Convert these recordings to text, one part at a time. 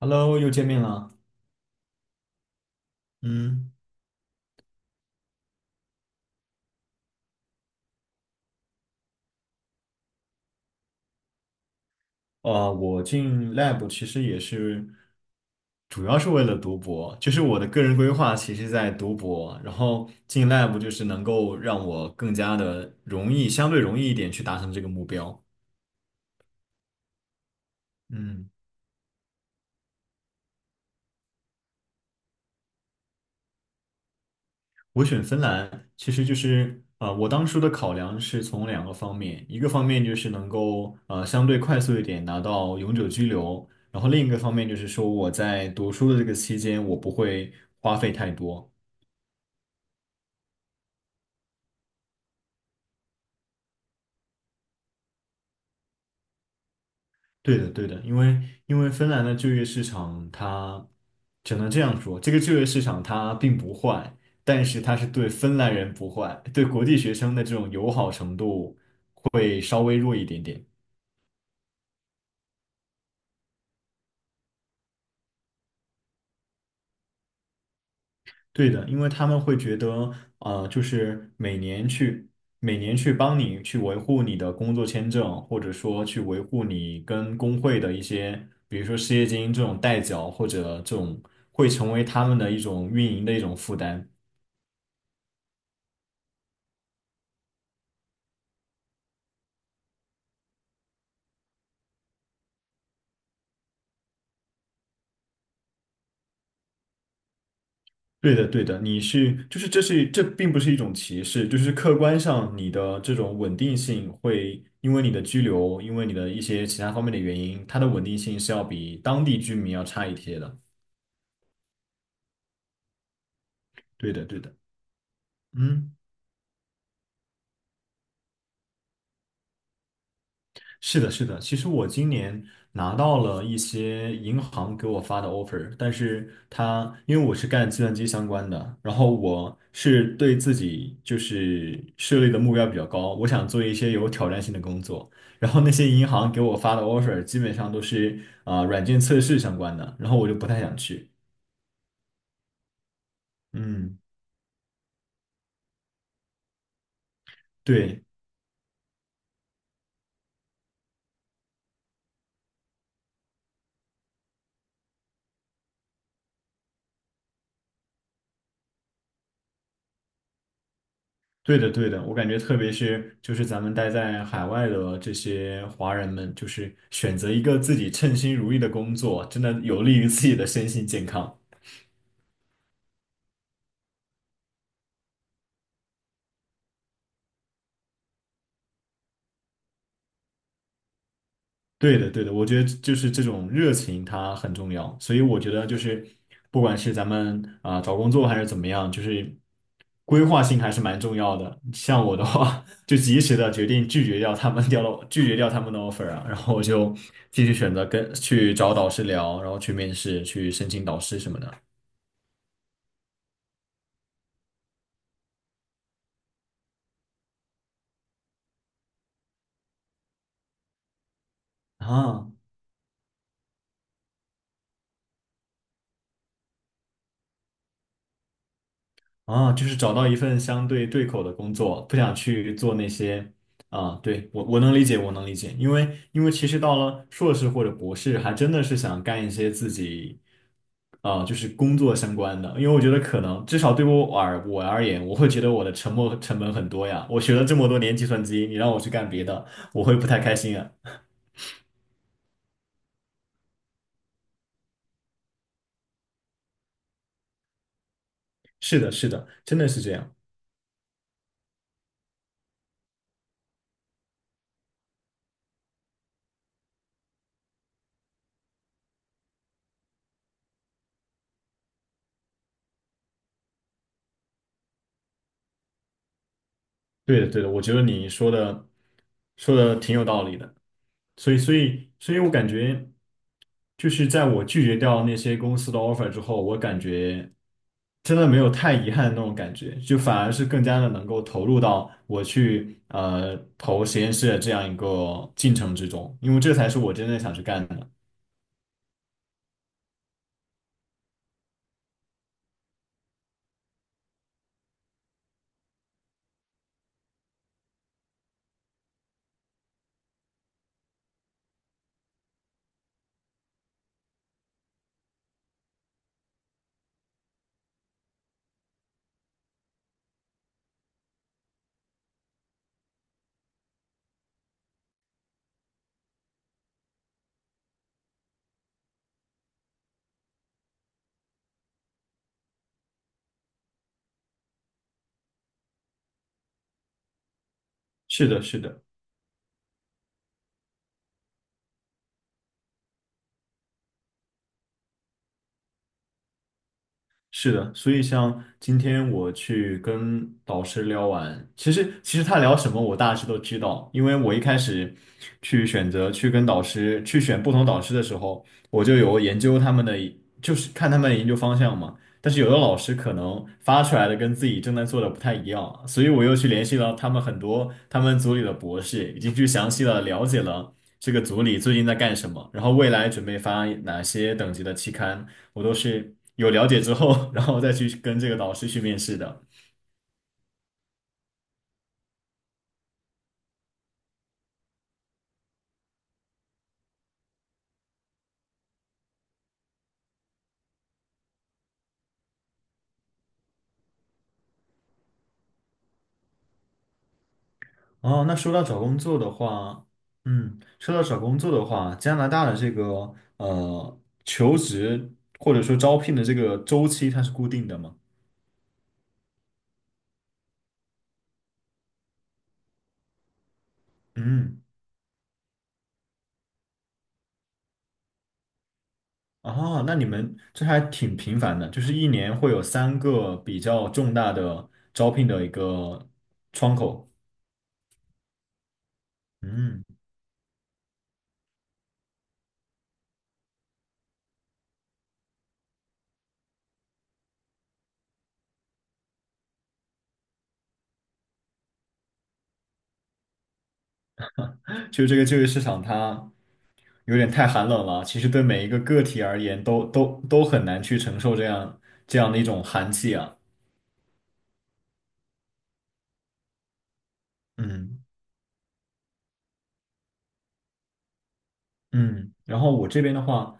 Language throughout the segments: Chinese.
Hello，又见面了。嗯，我进 lab 其实也是，主要是为了读博，就是我的个人规划，其实在读博，然后进 lab 就是能够让我更加的容易，相对容易一点去达成这个目标。嗯，我选芬兰，其实就是我当初的考量是从2个方面，一个方面就是能够相对快速一点拿到永久居留，然后另一个方面就是说我在读书的这个期间，我不会花费太多。对的，对的，因为芬兰的就业市场它只能这样说，这个就业市场它并不坏，但是它是对芬兰人不坏，对国际学生的这种友好程度会稍微弱一点点。对的，因为他们会觉得，就是每年去帮你去维护你的工作签证，或者说去维护你跟工会的一些，比如说失业金这种代缴，或者这种会成为他们的一种运营的一种负担。对的，对的，就是这并不是一种歧视，就是客观上你的这种稳定性会因为你的居留，因为你的一些其他方面的原因，它的稳定性是要比当地居民要差一些的。对的，对的，嗯。是的，是的。其实我今年拿到了一些银行给我发的 offer，但是它因为我是干计算机相关的，然后我是对自己就是设立的目标比较高，我想做一些有挑战性的工作。然后那些银行给我发的 offer 基本上都是软件测试相关的，然后我就不太想去。嗯，对。对的，对的，我感觉特别是就是咱们待在海外的这些华人们，就是选择一个自己称心如意的工作，真的有利于自己的身心健康。对的，对的，我觉得就是这种热情它很重要，所以我觉得就是不管是咱们找工作还是怎么样，就是规划性还是蛮重要的。像我的话，就及时的决定拒绝掉他们的 offer 啊，然后我就继续选择跟去找导师聊，然后去面试，去申请导师什么的啊。啊，就是找到一份相对对口的工作，不想去做那些啊，对，我能理解，我能理解，因为其实到了硕士或者博士，还真的是想干一些自己啊，就是工作相关的，因为我觉得可能至少对我而言，我会觉得我的沉没成本很多呀，我学了这么多年计算机，你让我去干别的，我会不太开心啊。是的，是的，真的是这样。对的，对的，我觉得你说的挺有道理的，所以我感觉，就是在我拒绝掉那些公司的 offer 之后，我感觉真的没有太遗憾的那种感觉，就反而是更加的能够投入到我去投实验室的这样一个进程之中，因为这才是我真正想去干的。是的，是的。是的，所以像今天我去跟导师聊完，其实他聊什么我大致都知道，因为我一开始去选择去跟导师去选不同导师的时候，我就有研究他们的，就是看他们的研究方向嘛。但是有的老师可能发出来的跟自己正在做的不太一样，所以我又去联系了很多他们组里的博士，已经去详细的了解了这个组里最近在干什么，然后未来准备发哪些等级的期刊。我都是有了解之后，然后再去跟这个导师去面试的。哦，那说到找工作的话，嗯，说到找工作的话，加拿大的这个求职或者说招聘的这个周期，它是固定的吗？嗯，哦，那你们这还挺频繁的，就是一年会有3个比较重大的招聘的一个窗口。嗯，就这个就业市场它有点太寒冷了。其实对每一个个体而言都很难去承受这样的一种寒气啊。嗯。嗯，然后我这边的话，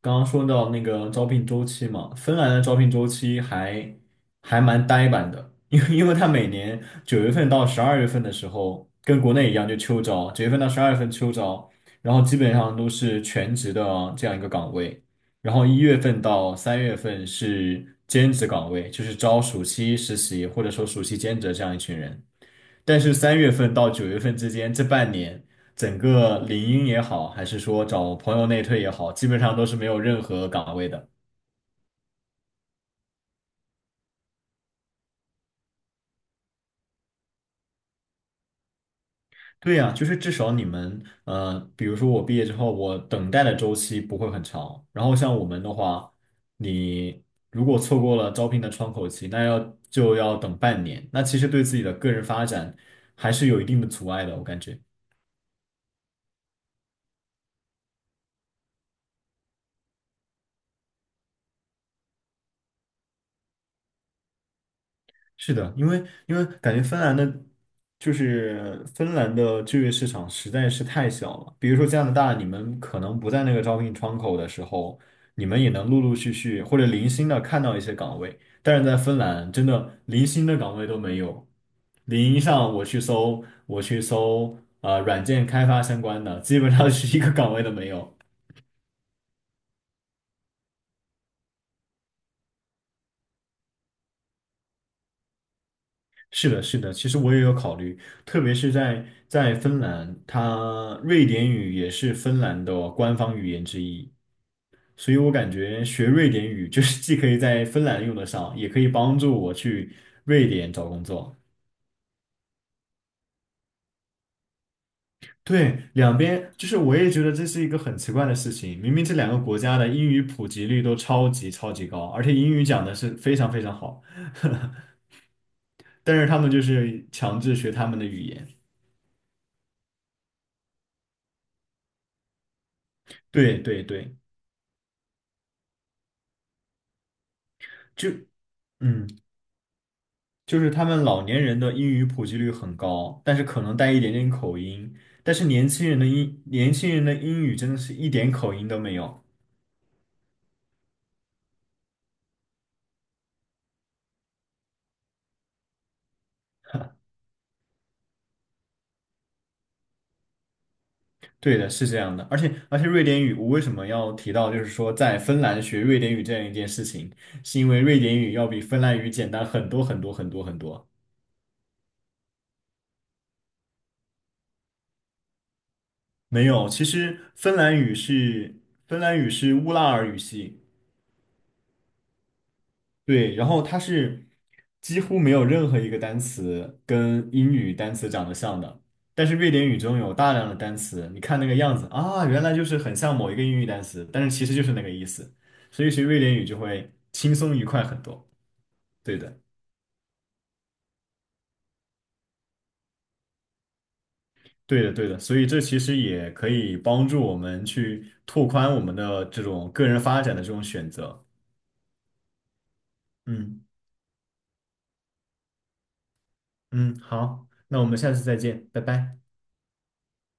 刚刚说到那个招聘周期嘛，芬兰的招聘周期还蛮呆板的，因为它每年九月份到十二月份的时候，跟国内一样就秋招，九月份到十二月份秋招，然后基本上都是全职的这样一个岗位，然后1月份到3月份是兼职岗位，就是招暑期实习或者说暑期兼职这样一群人。但是3月份到9月份之间这半年，整个领英也好，还是说找朋友内推也好，基本上都是没有任何岗位的。对呀，就是至少你们，比如说我毕业之后，我等待的周期不会很长。然后像我们的话，你如果错过了招聘的窗口期，就要等半年。那其实对自己的个人发展还是有一定的阻碍的，我感觉。是的，因为感觉芬兰的，就是芬兰的就业市场实在是太小了。比如说加拿大，你们可能不在那个招聘窗口的时候，你们也能陆陆续续或者零星的看到一些岗位，但是在芬兰，真的零星的岗位都没有。领英上我去搜，软件开发相关的，基本上是一个岗位都没有。是的，是的，其实我也有考虑，特别是在芬兰，它瑞典语也是芬兰的官方语言之一，所以我感觉学瑞典语 就是既可以在芬兰用得上，也可以帮助我去瑞典找工作。对，两边就是我也觉得这是一个很奇怪的事情，明明这2个国家的英语普及率都超级超级高，而且英语讲的是非常非常好，但是他们就是强制学他们的语言。对对对，就。嗯。就是他们老年人的英语普及率很高，但是可能带一点点口音，但是年轻人的年轻人的英语真的是一点口音都没有。对的，是这样的，而且瑞典语，我为什么要提到就是说在芬兰学瑞典语这样一件事情，是因为瑞典语要比芬兰语简单很多很多很多很多。没有，其实芬兰语是乌拉尔语系。对，然后它是几乎没有任何一个单词跟英语单词长得像的，但是瑞典语中有大量的单词，你看那个样子啊，原来就是很像某一个英语单词，但是其实就是那个意思，所以学瑞典语就会轻松愉快很多。对的，对的，对的，所以这其实也可以帮助我们去拓宽我们的这种个人发展的这种选择。嗯嗯，好，那我们下次再见，拜拜。